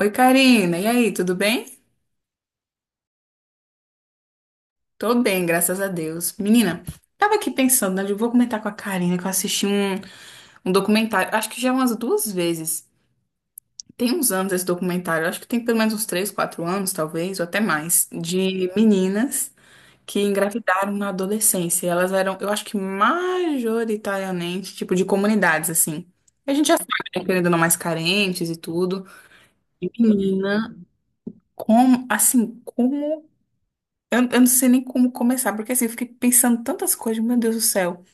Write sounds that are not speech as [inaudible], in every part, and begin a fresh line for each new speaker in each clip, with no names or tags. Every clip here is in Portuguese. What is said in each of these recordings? Oi, Karina. E aí, tudo bem? Tô bem, graças a Deus. Menina, tava aqui pensando, né? Eu vou comentar com a Karina que eu assisti um documentário, acho que já umas duas vezes. Tem uns anos esse documentário, acho que tem pelo menos uns 3, 4 anos, talvez, ou até mais, de meninas que engravidaram na adolescência. E elas eram, eu acho que majoritariamente, tipo, de comunidades, assim. A gente já sabe, né, querendo ou não, mais carentes e tudo. E menina, como, assim, como eu não sei nem como começar, porque assim, eu fiquei pensando tantas coisas, meu Deus do céu.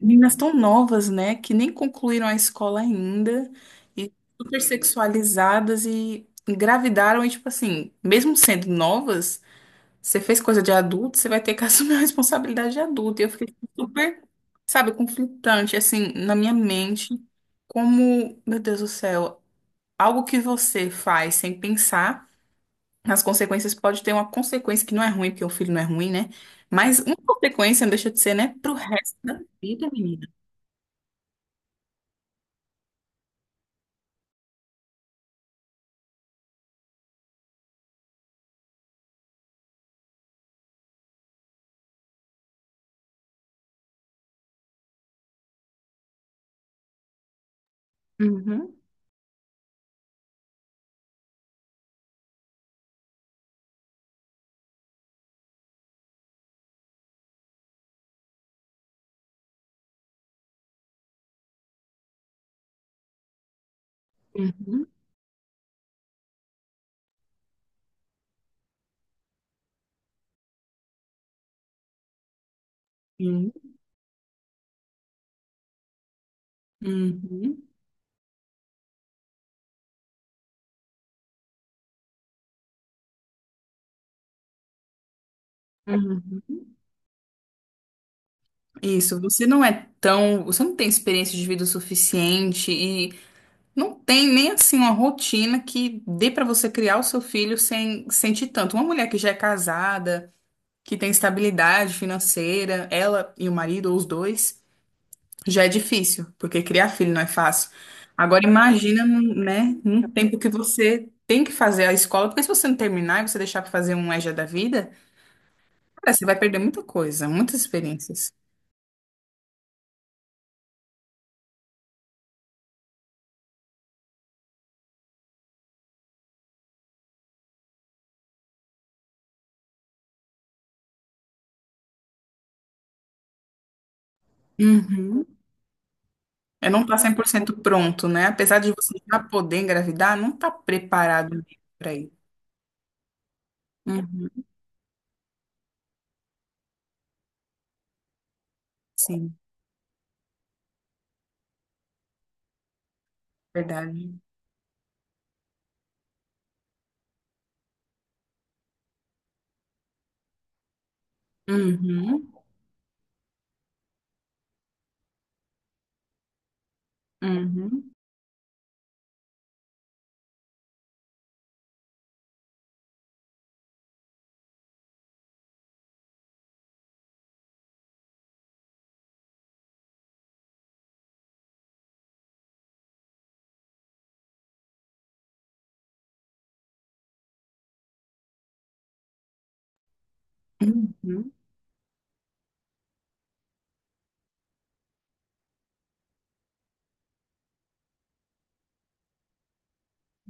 Meninas tão novas, né, que nem concluíram a escola ainda, e super sexualizadas e engravidaram, e tipo assim, mesmo sendo novas, você fez coisa de adulto, você vai ter que [laughs] assumir a responsabilidade de adulto. E eu fiquei super, sabe, conflitante, assim, na minha mente, como, meu Deus do céu, algo que você faz sem pensar. As consequências pode ter uma consequência que não é ruim, porque o filho não é ruim, né? Mas uma consequência não deixa de ser, né? Pro resto da vida, menina. Uhum, uhum, uhum, uhum, uhum. Isso, você não é tão. Você não tem experiência de vida o suficiente e não tem nem assim uma rotina que dê pra você criar o seu filho sem sentir tanto. Uma mulher que já é casada, que tem estabilidade financeira, ela e o marido, ou os dois. Já é difícil, porque criar filho não é fácil. Agora imagina, né, num tempo que você tem que fazer a escola, porque se você não terminar e você deixar para fazer um EJA da vida, cara, você vai perder muita coisa, muitas experiências. Uhum. É não tá 100% pronto, né? Apesar de você já poder engravidar, não tá preparado para ir. Uhum. Sim, verdade. Uhum. Uhum. Uhum.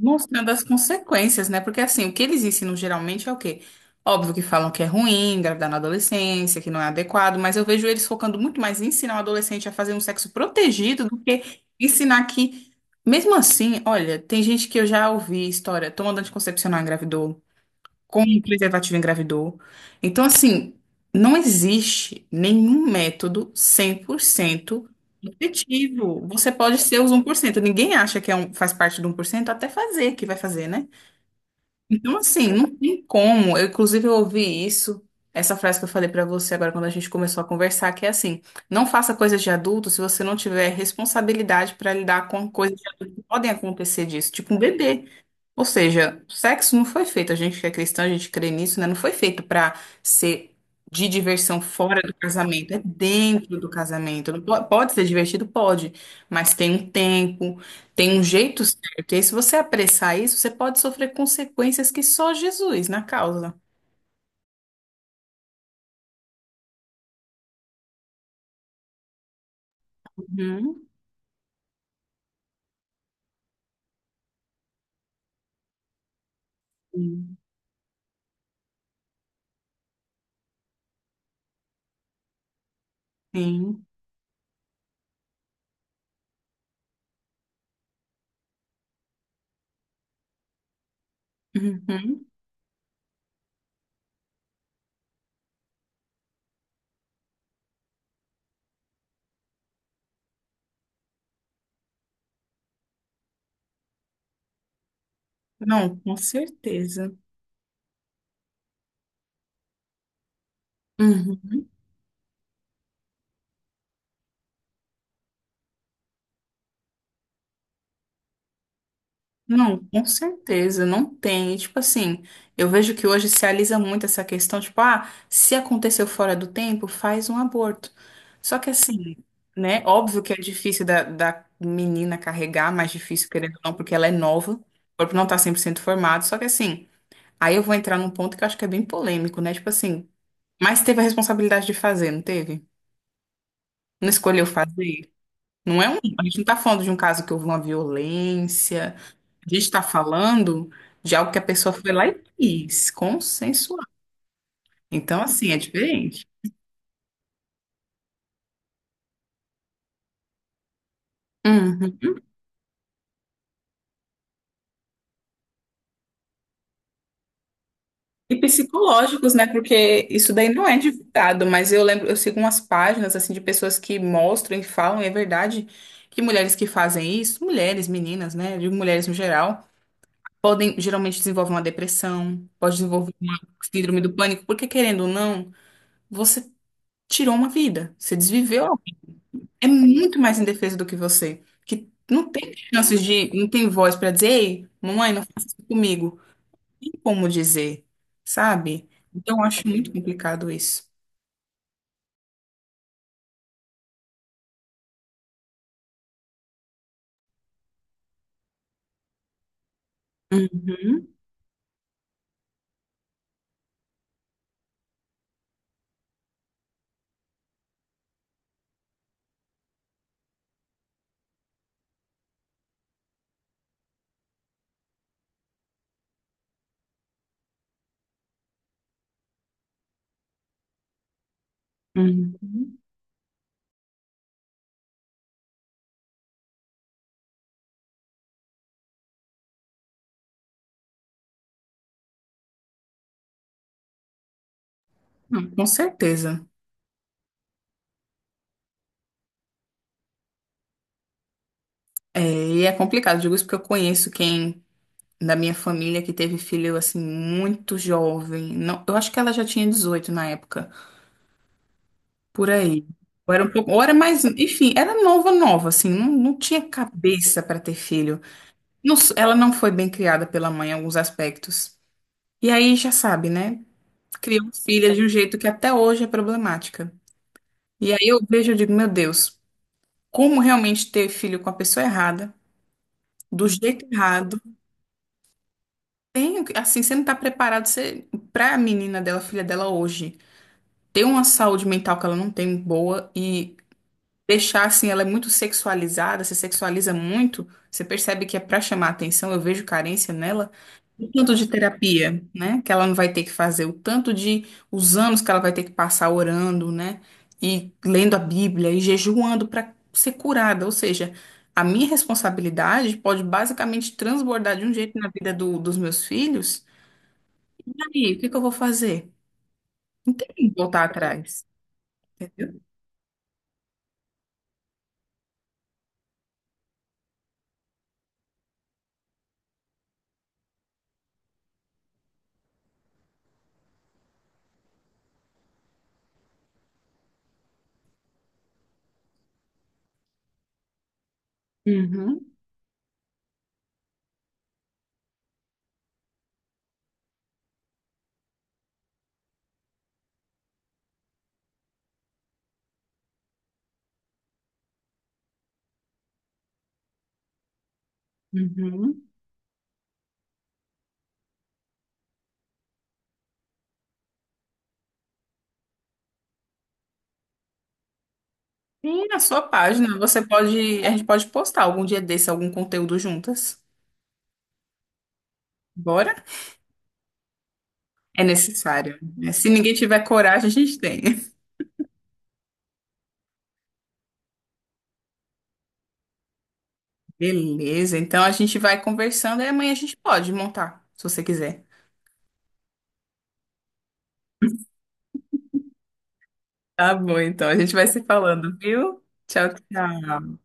Mostrando as consequências, né? Porque assim, o que eles ensinam geralmente é o quê? Óbvio que falam que é ruim, engravidar na adolescência, que não é adequado, mas eu vejo eles focando muito mais em ensinar o adolescente a fazer um sexo protegido do que ensinar que, mesmo assim, olha, tem gente que eu já ouvi história, tomando anticoncepcional engravidou com o preservativo engravidou. Então, assim, não existe nenhum método 100% efetivo. Você pode ser os 1%. Ninguém acha que é um, faz parte do 1% até fazer, que vai fazer, né? Então, assim, não tem como. Eu, inclusive, eu ouvi isso, essa frase que eu falei pra você agora quando a gente começou a conversar, que é assim, não faça coisas de adulto se você não tiver responsabilidade pra lidar com coisas de adulto que podem acontecer disso, tipo um bebê. Ou seja, sexo não foi feito, a gente que é cristão, a gente crê nisso, né? Não foi feito para ser de diversão fora do casamento, é dentro do casamento. Não po- Pode ser divertido? Pode, mas tem um tempo, tem um jeito certo. E aí, se você apressar isso, você pode sofrer consequências que só Jesus na causa. Uhum. Sim. Uhum. Não, com certeza. Uhum. Não, com certeza, não tem. E, tipo assim, eu vejo que hoje se alisa muito essa questão, tipo, ah, se aconteceu fora do tempo, faz um aborto. Só que assim, né, óbvio que é difícil da menina carregar, mais difícil, querendo ou não, porque ela é nova, o corpo não tá 100% formado, só que assim, aí eu vou entrar num ponto que eu acho que é bem polêmico, né, tipo assim, mas teve a responsabilidade de fazer, não teve? Não escolheu fazer? Não é um, a gente não está falando de um caso que houve uma violência. A gente está falando de algo que a pessoa foi lá e quis, consensual. Então, assim, é diferente. Uhum. E psicológicos, né? Porque isso daí não é divulgado, mas eu lembro, eu sigo umas páginas assim de pessoas que mostram e falam, e é verdade que mulheres que fazem isso, mulheres, meninas, né? De mulheres no geral, podem geralmente desenvolver uma depressão, pode desenvolver uma síndrome do pânico, porque querendo ou não, você tirou uma vida, você desviveu é muito mais indefesa do que você, que não tem chances de, não tem voz para dizer, ei, mamãe, não faça isso comigo. Tem como dizer, sabe? Então, eu acho muito complicado isso. Uhum, uhum. Não, com certeza. É, e é complicado, digo isso porque eu conheço quem da minha família que teve filho assim muito jovem. Não, eu acho que ela já tinha 18 na época, por aí. Ou era um pouco, ou era mais, enfim, era nova, nova, assim, não, não tinha cabeça para ter filho. Não, ela não foi bem criada pela mãe em alguns aspectos. E aí já sabe, né? Criou filha de um jeito que até hoje é problemática. E aí eu vejo e digo, meu Deus, como realmente ter filho com a pessoa errada, do jeito errado? Tem, assim, você não tá preparado você, pra menina dela, filha dela hoje, ter uma saúde mental que ela não tem boa e deixar assim, ela é muito sexualizada, se sexualiza muito, você percebe que é pra chamar atenção, eu vejo carência nela. O tanto de terapia, né? Que ela não vai ter que fazer, o tanto de os anos que ela vai ter que passar orando, né? E lendo a Bíblia e jejuando para ser curada. Ou seja, a minha responsabilidade pode basicamente transbordar de um jeito na vida dos meus filhos. E aí, o que que eu vou fazer? Não tem que voltar atrás, entendeu? Uhum, uhum. E na sua página, você pode, a gente pode postar algum dia desse algum conteúdo juntas. Bora? É necessário. Né? Se ninguém tiver coragem, a gente tem. [laughs] Beleza, então a gente vai conversando e amanhã a gente pode montar, se você quiser. Tá bom, então a gente vai se falando, viu? Tchau, tchau.